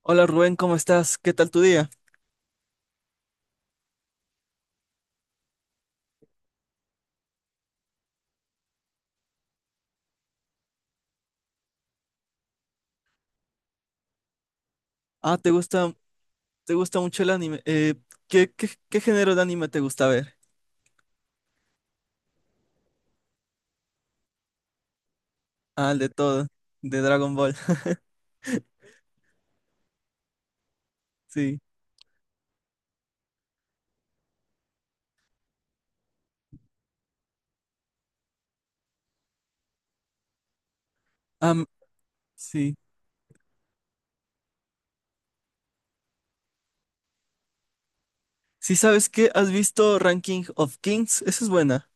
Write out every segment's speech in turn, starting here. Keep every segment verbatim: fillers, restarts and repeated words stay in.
Hola Rubén, ¿cómo estás? ¿Qué tal tu día? Ah, ¿te gusta, te gusta mucho el anime? Eh, ¿qué, qué, qué género de anime te gusta ver? Ah, el de todo, de Dragon Ball. Sí. Am- sí. Sí, ¿sabes qué? ¿Has visto Ranking of Kings? Esa es buena.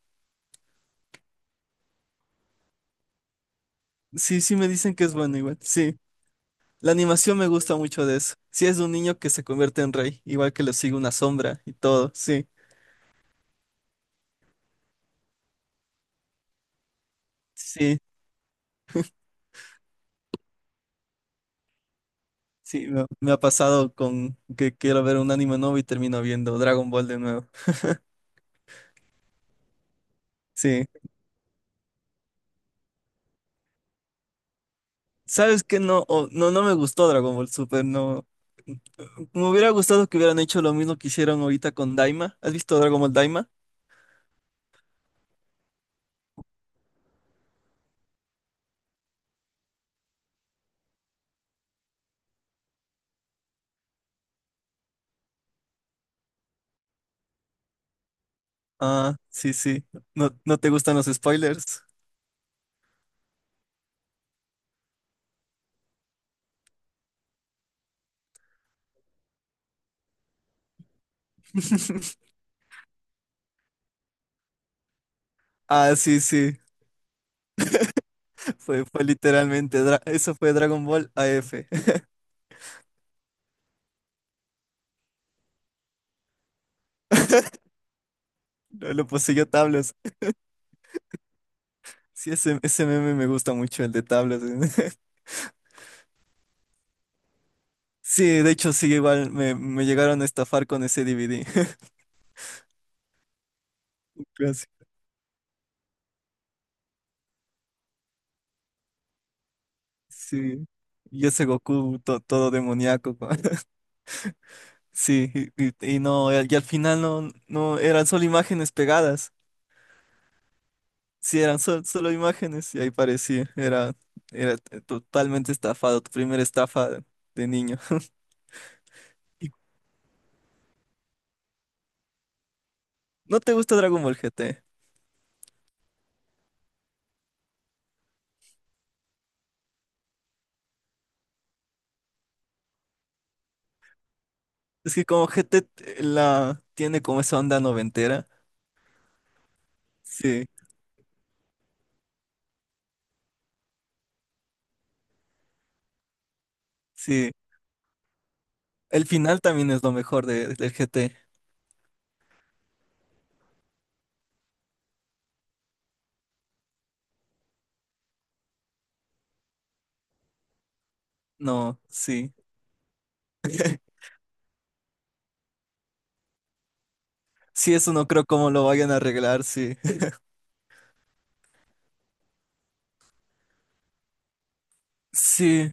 Sí, sí me dicen que es buena igual. Sí. La animación me gusta mucho de eso. Sí, es de un niño que se convierte en rey, igual que le sigue una sombra y todo. Sí. Sí, sí, me, me ha pasado con que quiero ver un anime nuevo y termino viendo Dragon Ball de nuevo. Sí. ¿Sabes qué? No, o- no, no me gustó Dragon Ball Super, no. Me hubiera gustado que hubieran hecho lo mismo que hicieron ahorita con Daima. ¿Has visto Dragon Ball Daima? Ah, sí, sí. ¿No, no te gustan los spoilers? Ah, sí, sí. Fue, fue literalmente, dra- eso fue Dragon Ball A F. Lo, lo poseyó Tablas. Sí, ese, ese meme me gusta mucho, el de Tablas. Sí, de hecho, sí, igual me, me llegaron a estafar con ese D V D. Gracias. Sí. Y ese Goku to- todo demoníaco. Sí, y, y- y no, y al final no, no, eran solo imágenes pegadas. Sí, eran sol- solo imágenes y ahí parecía. Era, era t- totalmente estafado, tu primera estafa de, de niño. ¿Y no te gusta Dragon Ball G T? Es que como GT t- t- la tiene como esa onda noventera. Sí, sí. El final también es lo mejor de, del G T. No, sí. Sí, eso no creo cómo lo vayan a arreglar, sí. Sí.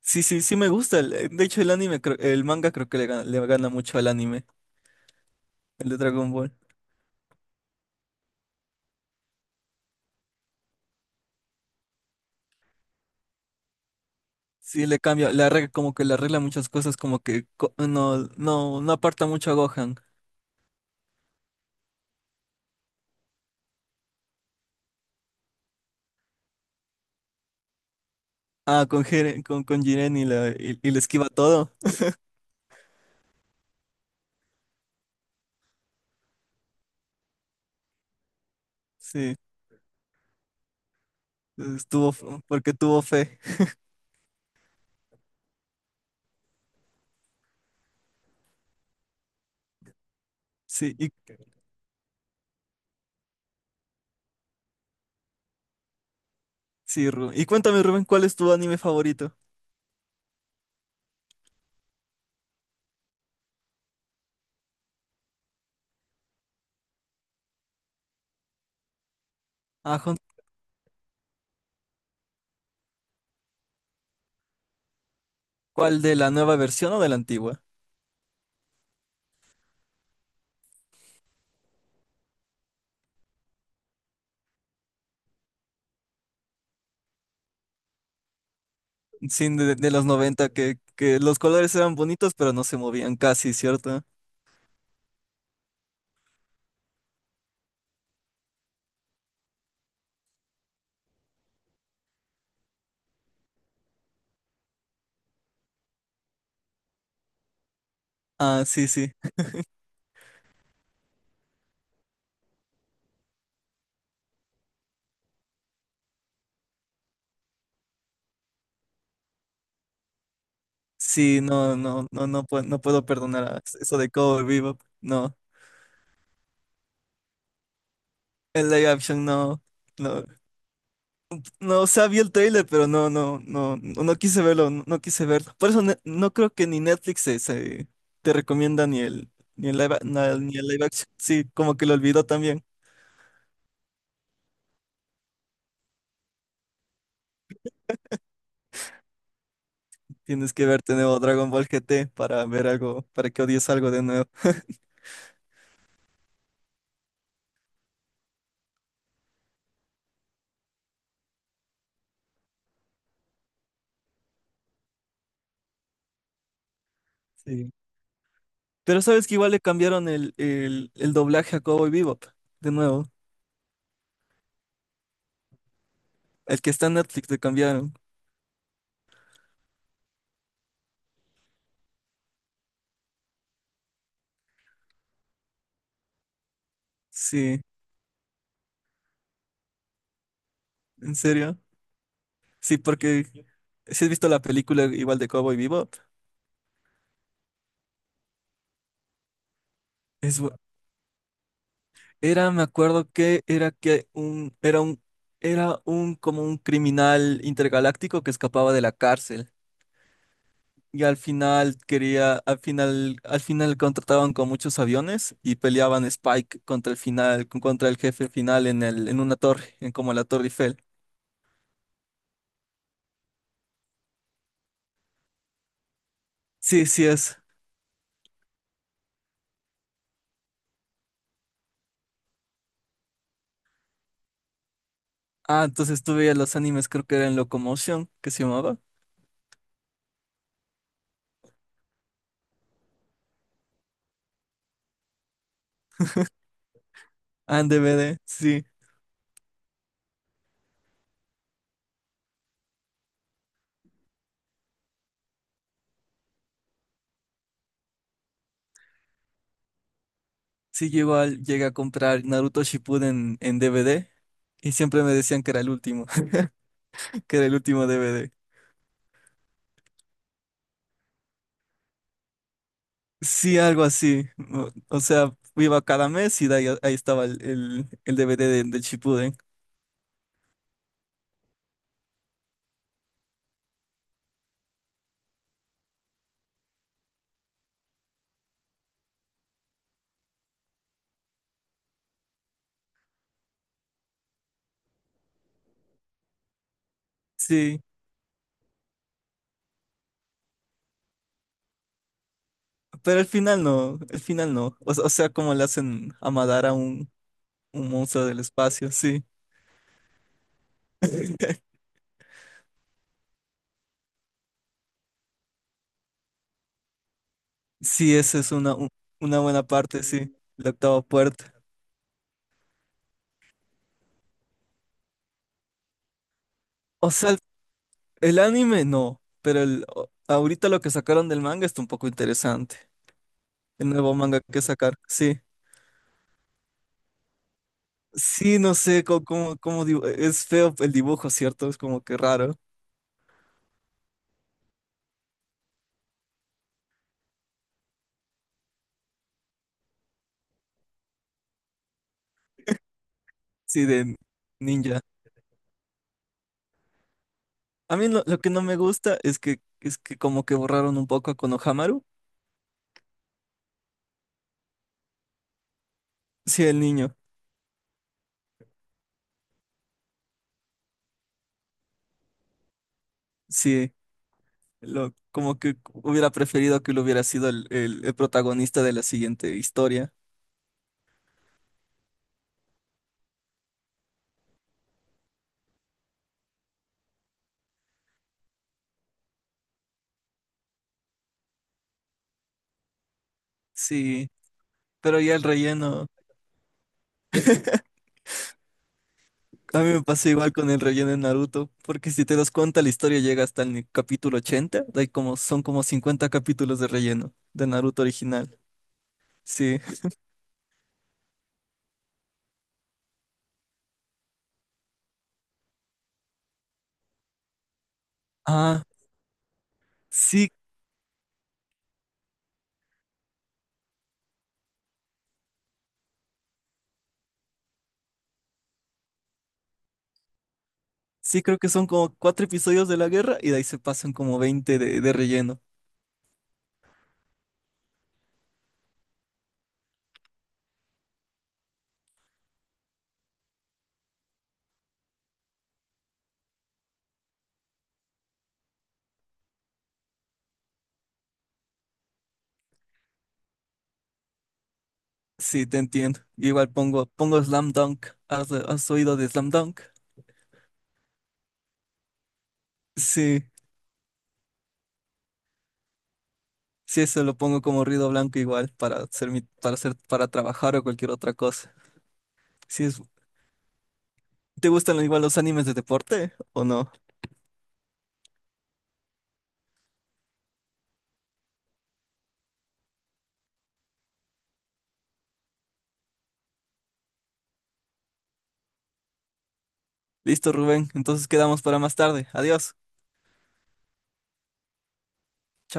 Sí, sí, sí me gusta. el- De hecho, el anime, creo- el manga creo que le gana, le gana mucho al anime, el de Dragon Ball. Sí, le cambia, le arregla, como que le arregla muchas cosas, como que co- no, no, no aparta mucho a Gohan. Ah, con Jiren, con, con Jiren y, la, y, y le esquiva todo. Sí, estuvo, f- porque tuvo fe. Sí, y, sí, Ru- y cuéntame, Rubén, ¿cuál es tu anime favorito? Ah, Jun- ¿cuál de la nueva versión o de la antigua? Sí, de, de los noventa que, que los colores eran bonitos, pero no se movían casi, ¿cierto? Ah, sí, sí. Sí, no, no, no, no puedo, no puedo perdonar a eso de Cowboy Bebop. No, el live action no, no, no, o sea, vi el trailer, pero no, no, no, no, no quise verlo, no, no quise verlo. Por eso ne- no creo que ni Netflix se, se- te recomienda ni el, ni el live, a- na- ni el live action. Sí, como que lo olvidó también. Tienes que verte nuevo Dragon Ball G T para ver algo, para que odies algo de nuevo. Sí. Pero sabes que igual le cambiaron el, el, el doblaje a Cowboy Bebop, de nuevo. El que está en Netflix le cambiaron. Sí. ¿En serio? Sí, porque si has visto la película igual de Cowboy Bebop, es, bu- era, me acuerdo que era que un, era un, era un como un criminal intergaláctico que escapaba de la cárcel. Y al final quería, al final, al final contrataban con muchos aviones y peleaban Spike contra el final, contra el jefe final en el, en una torre, en como la Torre Eiffel. Sí, sí es. Ah, entonces tú veías los animes, creo que era en Locomotion, que se llamaba. Ah, en D V D, sí. Sí, yo igual llegué a comprar Naruto Shippuden en D V D y siempre me decían que era el último, que era el último D V D. Sí, algo así. O, o sea, iba cada mes y de ahí, ahí estaba el, el, el D V D de- del Shippuden. Sí, pero el final no, el final no. O, o sea, como le hacen a Madara un, un monstruo del espacio, sí. Sí, esa es una, u- una buena parte, sí, la octava puerta. O sea, el anime no, pero el, o- ahorita lo que sacaron del manga está un poco interesante. El nuevo manga que sacar, sí. Sí, no sé cómo, cómo, cómo dibu- es feo el dibujo, ¿cierto? Es como que raro. Sí, de ninja. A mí lo, lo que no me gusta es que es que como que borraron un poco a Konohamaru. Sí, el niño. Sí, lo, como que hubiera preferido que lo hubiera sido el, el el protagonista de la siguiente historia. Sí, pero ya el relleno. A mí me pasa igual con el relleno de Naruto, porque si te das cuenta, la historia llega hasta el capítulo ochenta, hay como, son como cincuenta capítulos de relleno de Naruto original. Sí. Ah, sí, sí, creo que son como cuatro episodios de la guerra y de ahí se pasan como veinte de, de relleno. Sí, te entiendo. Igual pongo, pongo Slam Dunk. ¿Has, has oído de Slam Dunk? Sí, sí, eso lo pongo como ruido blanco igual para hacer mi, para hacer, para trabajar o cualquier otra cosa. Sí, es, ¿te gustan igual los animes de deporte o no? Listo, Rubén. Entonces quedamos para más tarde. Adiós. Chao.